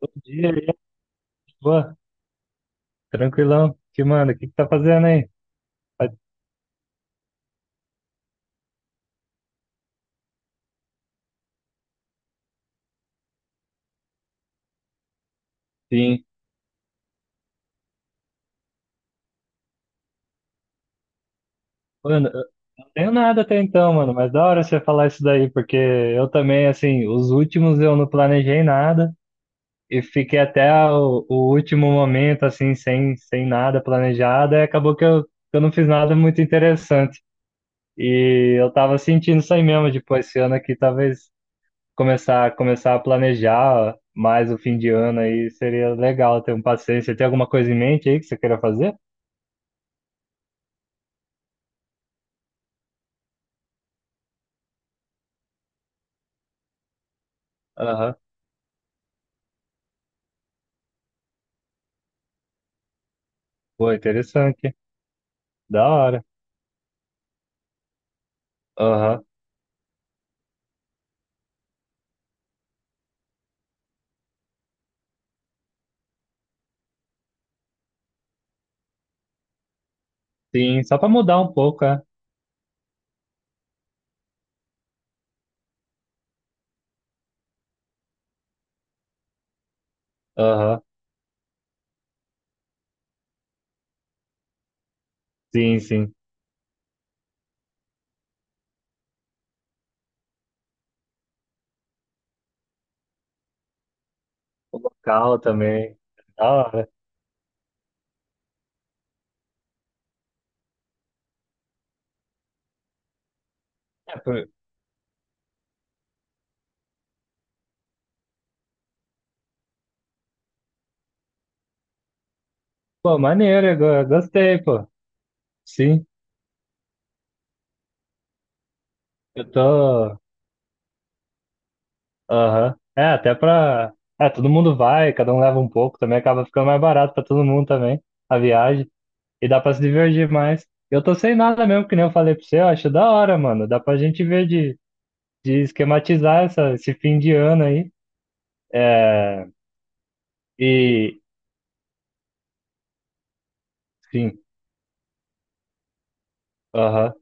Bom dia, e aí, boa, tranquilão. Que manda? O que que tá fazendo aí? Ah, sim. Mano, eu não tenho nada até então, mano, mas da hora você falar isso daí, porque eu também, assim, os últimos eu não planejei nada e fiquei até o último momento, assim, sem nada planejado, e acabou que eu não fiz nada muito interessante. E eu tava sentindo isso aí mesmo, tipo, esse ano aqui talvez começar a planejar mais o fim de ano aí seria legal ter um passeio. Você tem alguma coisa em mente aí que você queira fazer? Aham. Pô, interessante. Da hora. Aham. Sim, só pra mudar um pouco, é. Aham. Sim, sim. O local também. Da hora. É, pô, pô, maneiro, eu gostei, pô. Sim, eu tô. Aham. É, até pra. É, todo mundo vai, cada um leva um pouco também, acaba ficando mais barato pra todo mundo também, a viagem. E dá pra se divertir mais. Eu tô sem nada mesmo, que nem eu falei pra você, eu acho da hora, mano. Dá pra gente ver de esquematizar esse fim de ano aí. É. E sim, aham,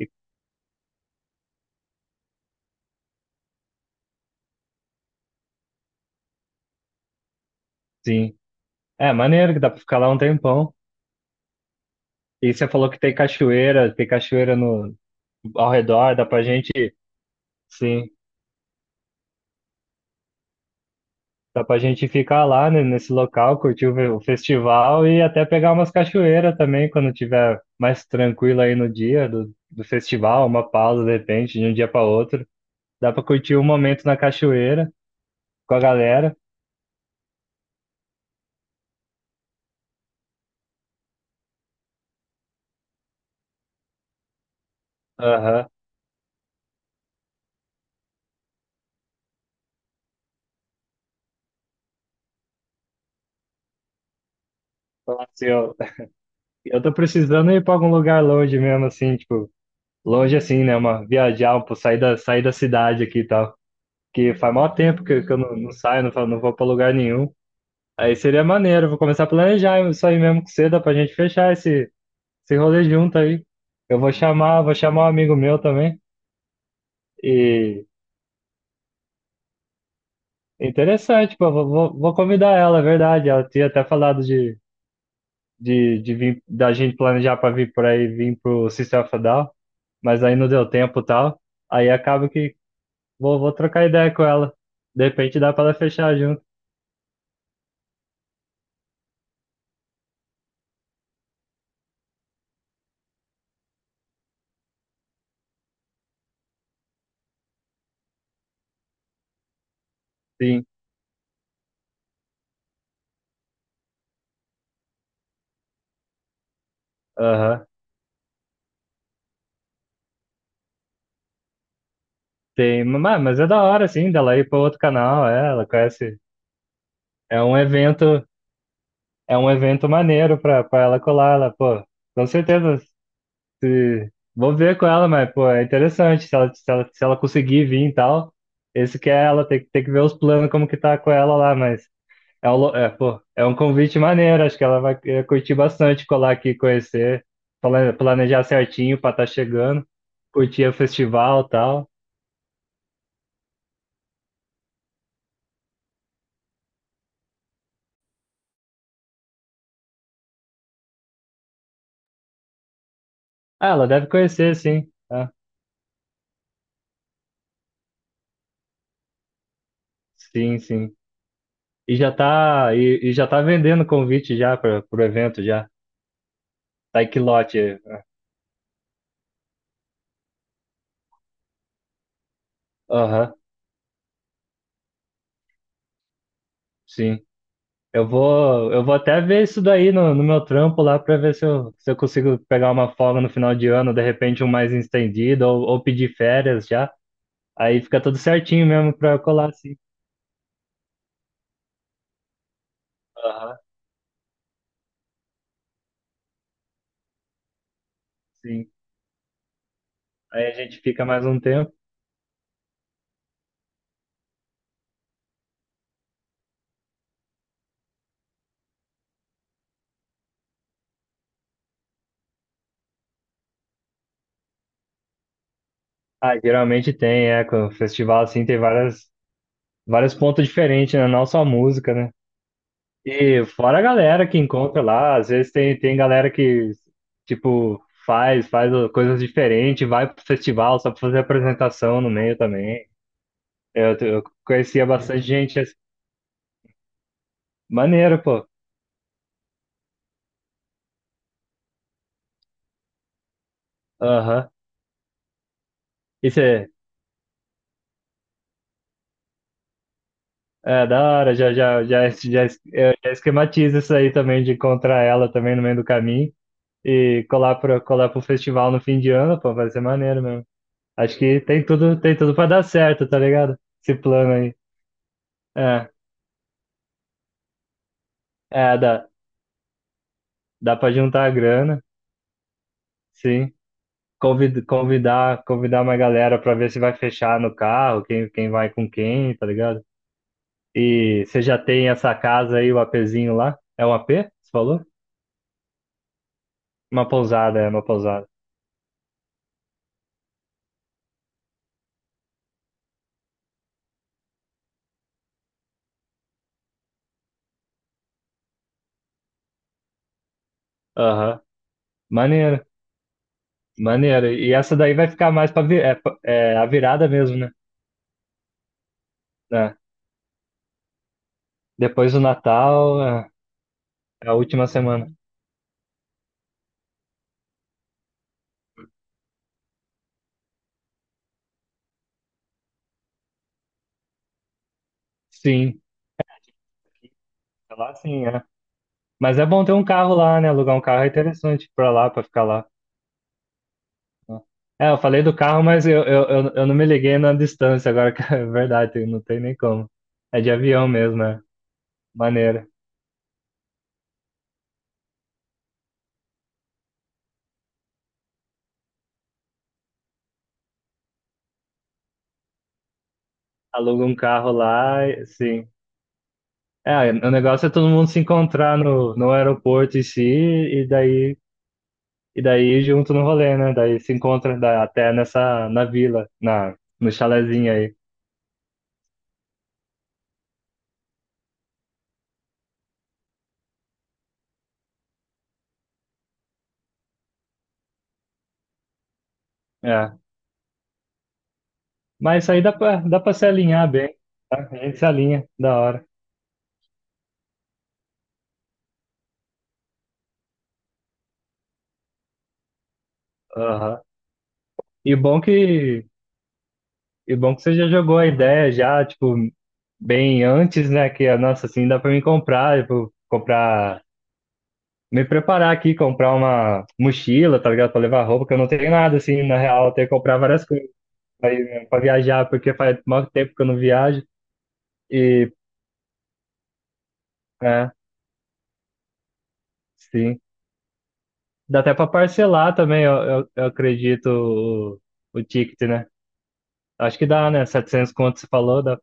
e- sim. É maneiro que dá pra ficar lá um tempão. E você falou que tem cachoeira no ao redor, sim, dá pra gente ficar lá, né, nesse local, curtir o festival e até pegar umas cachoeiras também quando tiver mais tranquilo aí no dia do festival, uma pausa de repente, de um dia para outro. Dá pra curtir um momento na cachoeira com a galera. Aham. Falar assim, ó, eu tô precisando ir pra algum lugar longe mesmo, assim, tipo. Longe assim, né? Uma viajar, pô, sair da cidade aqui e tal. Que faz maior tempo que eu não saio, não vou pra lugar nenhum. Aí seria maneiro, vou começar a planejar isso aí mesmo com você, dá pra gente fechar esse rolê junto aí. Vou chamar um amigo meu também. E interessante, pô, vou convidar ela, é verdade. Ela tinha até falado de vir, da gente planejar pra vir por aí, vir pro System of a Down, mas aí não deu tempo e tal. Aí acaba que, vou trocar ideia com ela. De repente dá pra ela fechar junto. Sim. Aham. Tem, mas é da hora, assim, dela ir pra outro canal. É, ela conhece. É um evento, é um evento maneiro pra ela colar. Ela, pô, com certeza. Se, vou ver com ela, mas, pô, é interessante. Se ela conseguir vir e tal. Esse que é ela, tem que ver os planos, como que tá com ela lá, mas. Pô, é um convite maneiro, acho que ela vai curtir bastante colar aqui, conhecer, planejar certinho pra estar chegando, curtir o festival e tal. Ah, ela deve conhecer, sim. Ah, sim, sim. E já tá vendendo convite já para pro evento já. Tá em que lote. Aham, sim. Eu vou até ver isso daí no meu trampo lá pra ver se eu consigo pegar uma folga no final de ano, de repente um mais estendido, ou pedir férias já. Aí fica tudo certinho mesmo pra colar, assim. Aham. Sim. Aí a gente fica mais um tempo. Ah, geralmente tem, é, com o festival assim vários pontos diferentes, né? Não só música, né? E fora a galera que encontra lá, às vezes tem galera que, tipo, faz coisas diferentes, vai pro festival só pra fazer apresentação no meio também. Eu conhecia bastante gente assim. Maneiro, pô. Aham. E você é, da hora, eu já esquematizo isso aí também, de encontrar ela também no meio do caminho e colar colar pro festival no fim de ano, pô, vai ser maneiro mesmo. Acho que tem tudo pra dar certo, tá ligado? Esse plano aí. É, dá, dá pra juntar a grana, sim. Convidar uma galera pra ver se vai fechar no carro, quem vai com quem, tá ligado? E você já tem essa casa aí, o APzinho lá? É um AP? Você falou? Uma pousada, é uma pousada. Aham. Maneiro, maneiro. E essa daí vai ficar mais é a virada mesmo, né? É. Depois do Natal, é, é a última semana. Sim, é lá sim, é. Mas é bom ter um carro lá, né? Alugar um carro é interessante para lá, para ficar lá. É, eu falei do carro, mas eu não me liguei na distância agora, que é verdade, não tem nem como. É de avião mesmo, né? Maneiro. Aluga um carro lá, sim. É, o negócio é todo mundo se encontrar no aeroporto em si, e daí e daí junto no rolê, né? Daí se encontra até nessa, na, no chalezinho aí. É. Mas isso aí dá pra se alinhar bem, né? A gente se alinha, da hora. Aham. E bom que, e bom que você já jogou a ideia já, tipo, bem antes, né? Que, nossa, assim, dá pra me comprar, me preparar aqui, comprar uma mochila, tá ligado? Pra levar roupa, que eu não tenho nada, assim, na real, eu tenho que comprar várias coisas aí, né, pra viajar, porque faz muito tempo que eu não viajo. E, é, sim. Dá até pra parcelar também, eu acredito, o ticket, né? Acho que dá, né? 700 conto, você falou, dá.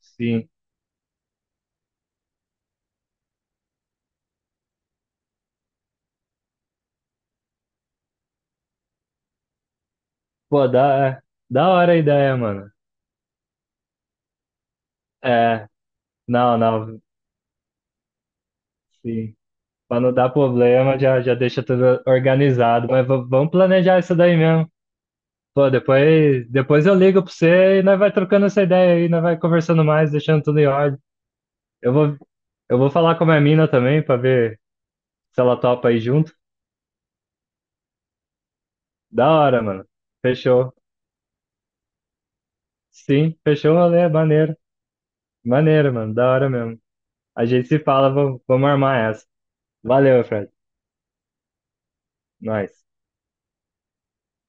Sim. Pô, dá, é. Da hora a ideia, mano. É, não, não, sim. Pra não dar problema, já deixa tudo organizado. Mas vamos planejar isso daí mesmo. Pô, depois eu ligo pra você e nós vai trocando essa ideia aí, nós vai conversando mais, deixando tudo em ordem. Eu vou, eu vou falar com a minha mina também, pra ver se ela topa aí junto. Da hora, mano. Fechou. Sim, fechou o rolê, maneiro. Maneiro, mano, da hora mesmo. A gente se fala, vamos armar essa. Valeu, Fred. Nós.